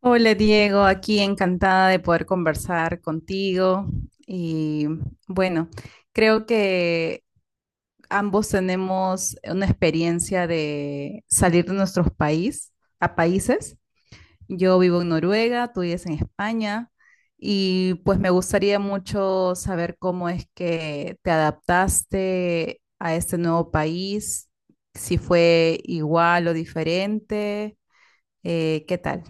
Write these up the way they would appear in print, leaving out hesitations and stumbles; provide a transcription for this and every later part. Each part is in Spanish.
Hola Diego, aquí encantada de poder conversar contigo. Y bueno, creo que ambos tenemos una experiencia de salir de nuestros país a países. Yo vivo en Noruega, tú vives en España y pues me gustaría mucho saber cómo es que te adaptaste a este nuevo país, si fue igual o diferente, ¿qué tal?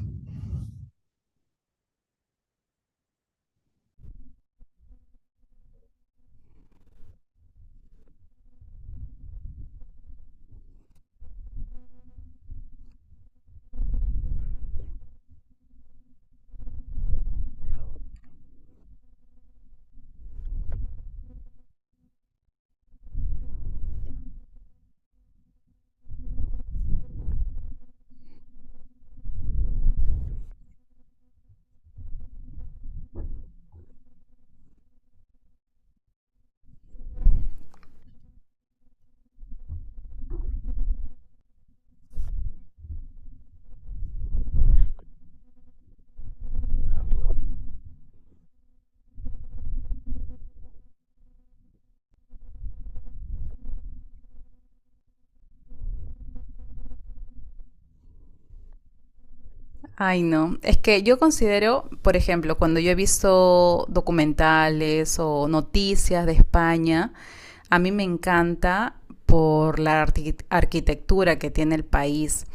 Ay, no. Es que yo considero, por ejemplo, cuando yo he visto documentales o noticias de España, a mí me encanta por la arquitectura que tiene el país.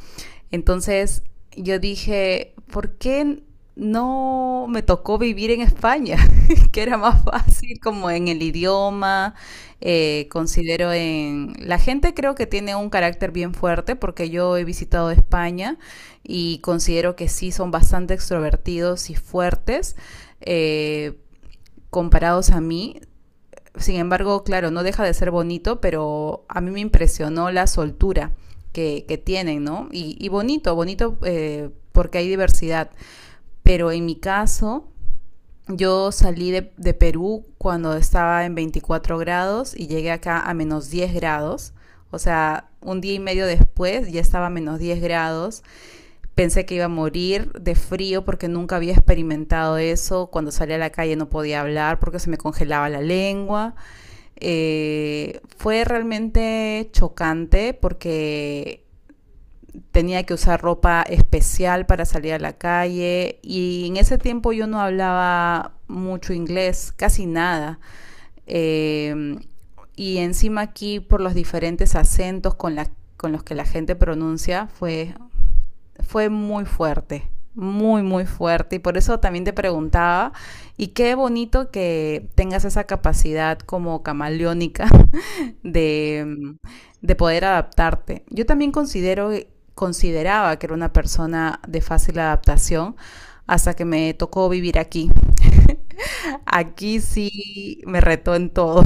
Entonces yo dije, ¿por qué no me tocó vivir en España? Que era más fácil como en el idioma, considero en... La gente creo que tiene un carácter bien fuerte porque yo he visitado España y considero que sí son bastante extrovertidos y fuertes. eh, Comparados a mí, sin embargo, claro, no deja de ser bonito, pero a mí me impresionó la soltura que tienen, ¿no? Y bonito, bonito porque hay diversidad. Pero en mi caso, yo salí Perú cuando estaba en 24 grados y llegué acá a menos 10 grados. O sea, un día y medio después ya estaba a menos 10 grados. Pensé que iba a morir de frío porque nunca había experimentado eso. Cuando salí a la calle no podía hablar porque se me congelaba la lengua. Fue realmente chocante porque tenía que usar ropa especial para salir a la calle y en ese tiempo yo no hablaba mucho inglés, casi nada. Eh, y encima aquí por los diferentes acentos con los que la gente pronuncia fue muy fuerte, muy, muy fuerte. Y por eso también te preguntaba, y qué bonito que tengas esa capacidad como camaleónica de, de poder adaptarte. Yo también consideraba que era una persona de fácil adaptación hasta que me tocó vivir aquí. Aquí sí me retó en todo.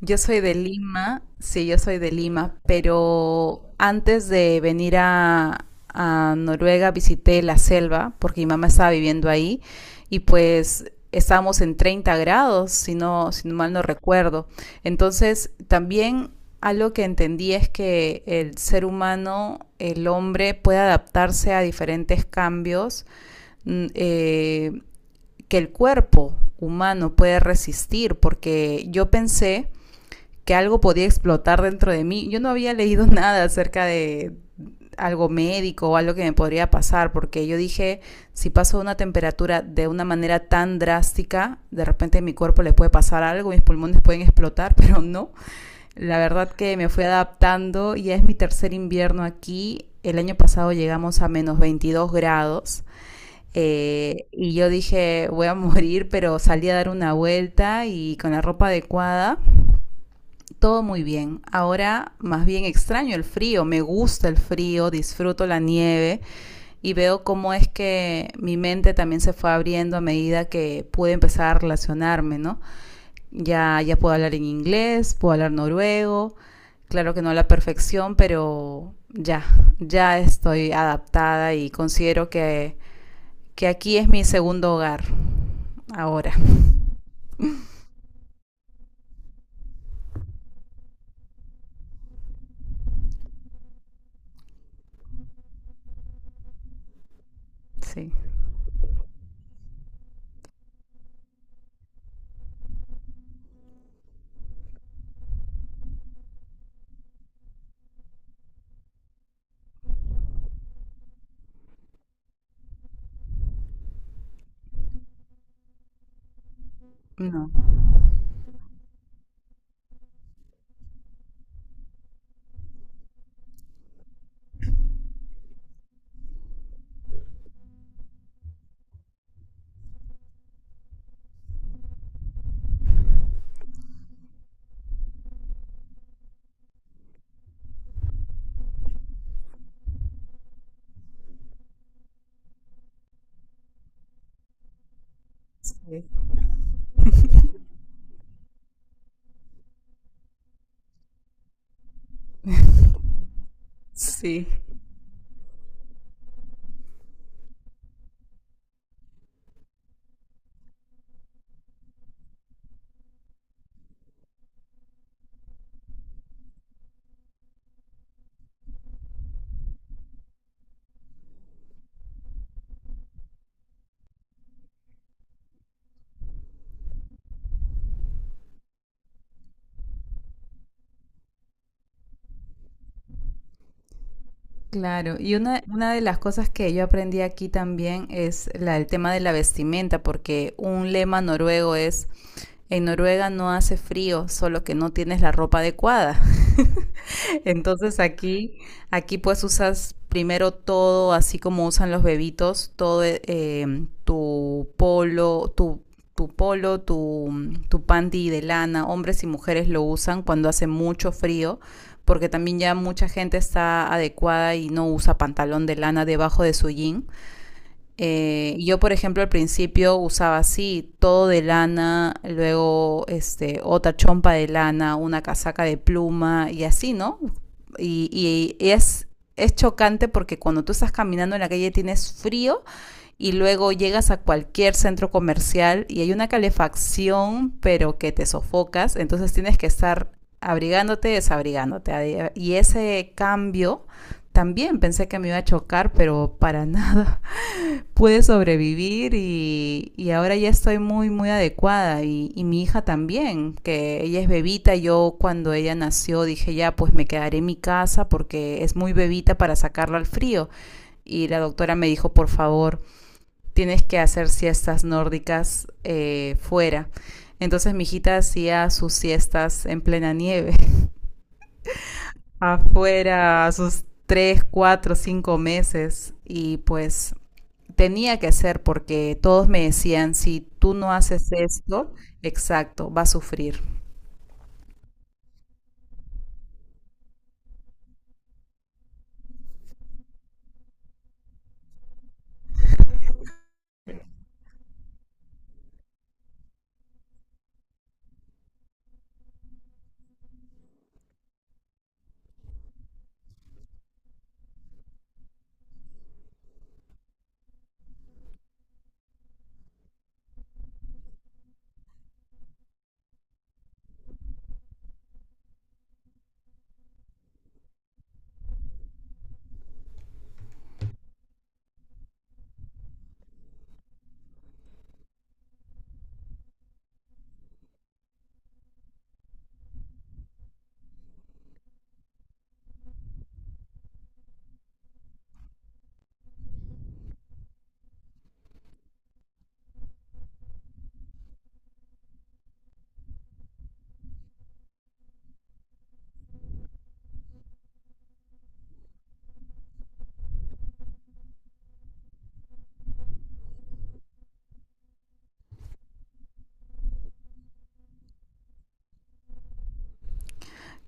Yo soy de Lima, sí, yo soy de Lima, pero antes de venir a Noruega visité la selva porque mi mamá estaba viviendo ahí y pues estábamos en 30 grados, si no, si mal no recuerdo. Entonces, también algo que entendí es que el ser humano, el hombre, puede adaptarse a diferentes cambios. mm, eh, que el cuerpo humano puede resistir, porque yo pensé que algo podía explotar dentro de mí. Yo no había leído nada acerca de algo médico o algo que me podría pasar, porque yo dije, si paso una temperatura de una manera tan drástica, de repente a mi cuerpo le puede pasar algo, mis pulmones pueden explotar, pero no. La verdad que me fui adaptando, ya es mi tercer invierno aquí. El año pasado llegamos a menos 22 grados y yo dije, voy a morir, pero salí a dar una vuelta y con la ropa adecuada todo muy bien. Ahora más bien extraño el frío, me gusta el frío, disfruto la nieve y veo cómo es que mi mente también se fue abriendo a medida que pude empezar a relacionarme, ¿no? Ya, ya puedo hablar en inglés, puedo hablar noruego, claro que no a la perfección, pero ya, ya estoy adaptada y considero que aquí es mi segundo hogar ahora. Sí, no. Sí. Sí. Claro, y una de las cosas que yo aprendí aquí también es el tema de la vestimenta, porque un lema noruego es, en Noruega no hace frío, solo que no tienes la ropa adecuada. Entonces aquí pues usas primero todo, así como usan los bebitos, todo tu polo, tu polo, tu panty de lana, hombres y mujeres lo usan cuando hace mucho frío, porque también ya mucha gente está adecuada y no usa pantalón de lana debajo de su jean. Yo, por ejemplo, al principio usaba así, todo de lana, luego este, otra chompa de lana, una casaca de pluma y así, ¿no? Y es chocante porque cuando tú estás caminando en la calle tienes frío y luego llegas a cualquier centro comercial y hay una calefacción, pero que te sofocas, entonces tienes que estar abrigándote, desabrigándote. Y ese cambio también pensé que me iba a chocar, pero para nada pude sobrevivir y ahora ya estoy muy, muy adecuada. Y mi hija también, que ella es bebita. Yo cuando ella nació dije ya, pues me quedaré en mi casa porque es muy bebita para sacarla al frío. Y la doctora me dijo, por favor, tienes que hacer siestas nórdicas fuera. Entonces mi hijita hacía sus siestas en plena nieve, afuera, a sus 3 4 5 meses. Y pues tenía que hacer porque todos me decían, si tú no haces esto, exacto, va a sufrir.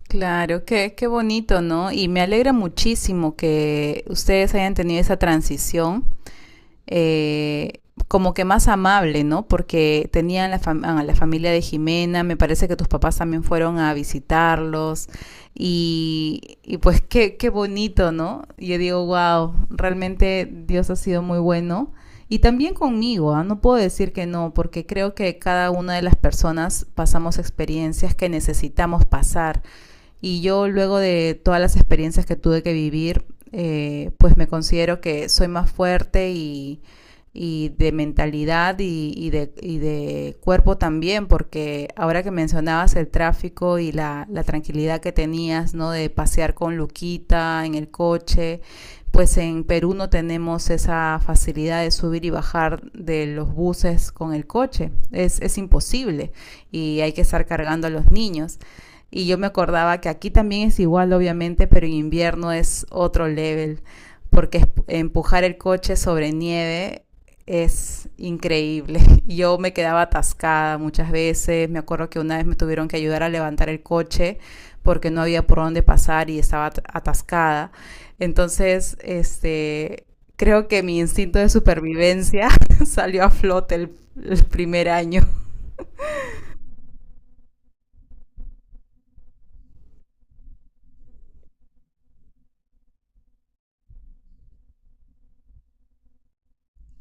Claro, qué, qué bonito, ¿no? Y me alegra muchísimo que ustedes hayan tenido esa transición eh, como que más amable, ¿no? Porque tenían la a la familia de Jimena, me parece que tus papás también fueron a visitarlos y pues qué, qué bonito, ¿no? Yo digo, wow, realmente Dios ha sido muy bueno. Y también conmigo, ¿ah? No puedo decir que no, porque creo que cada una de las personas pasamos experiencias que necesitamos pasar y yo luego de todas las experiencias que tuve que vivir, pues me considero que soy más fuerte y de mentalidad y, de, cuerpo también, porque ahora que mencionabas el tráfico y la tranquilidad que tenías, ¿no? De pasear con Luquita en el coche, pues en Perú no tenemos esa facilidad de subir y bajar de los buses con el coche, es imposible y hay que estar cargando a los niños. Y yo me acordaba que aquí también es igual, obviamente, pero en invierno es otro level, porque empujar el coche sobre nieve es increíble. Yo me quedaba atascada muchas veces, me acuerdo que una vez me tuvieron que ayudar a levantar el coche porque no había por dónde pasar y estaba atascada. Entonces, este, creo que mi instinto de supervivencia salió a flote el primer año.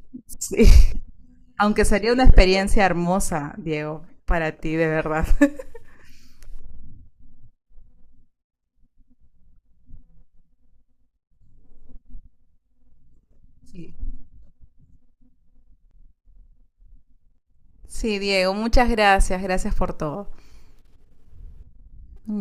Sí. Aunque sería una experiencia hermosa, Diego, para ti, de verdad. Sí, Diego, muchas gracias, gracias por todo. Mm.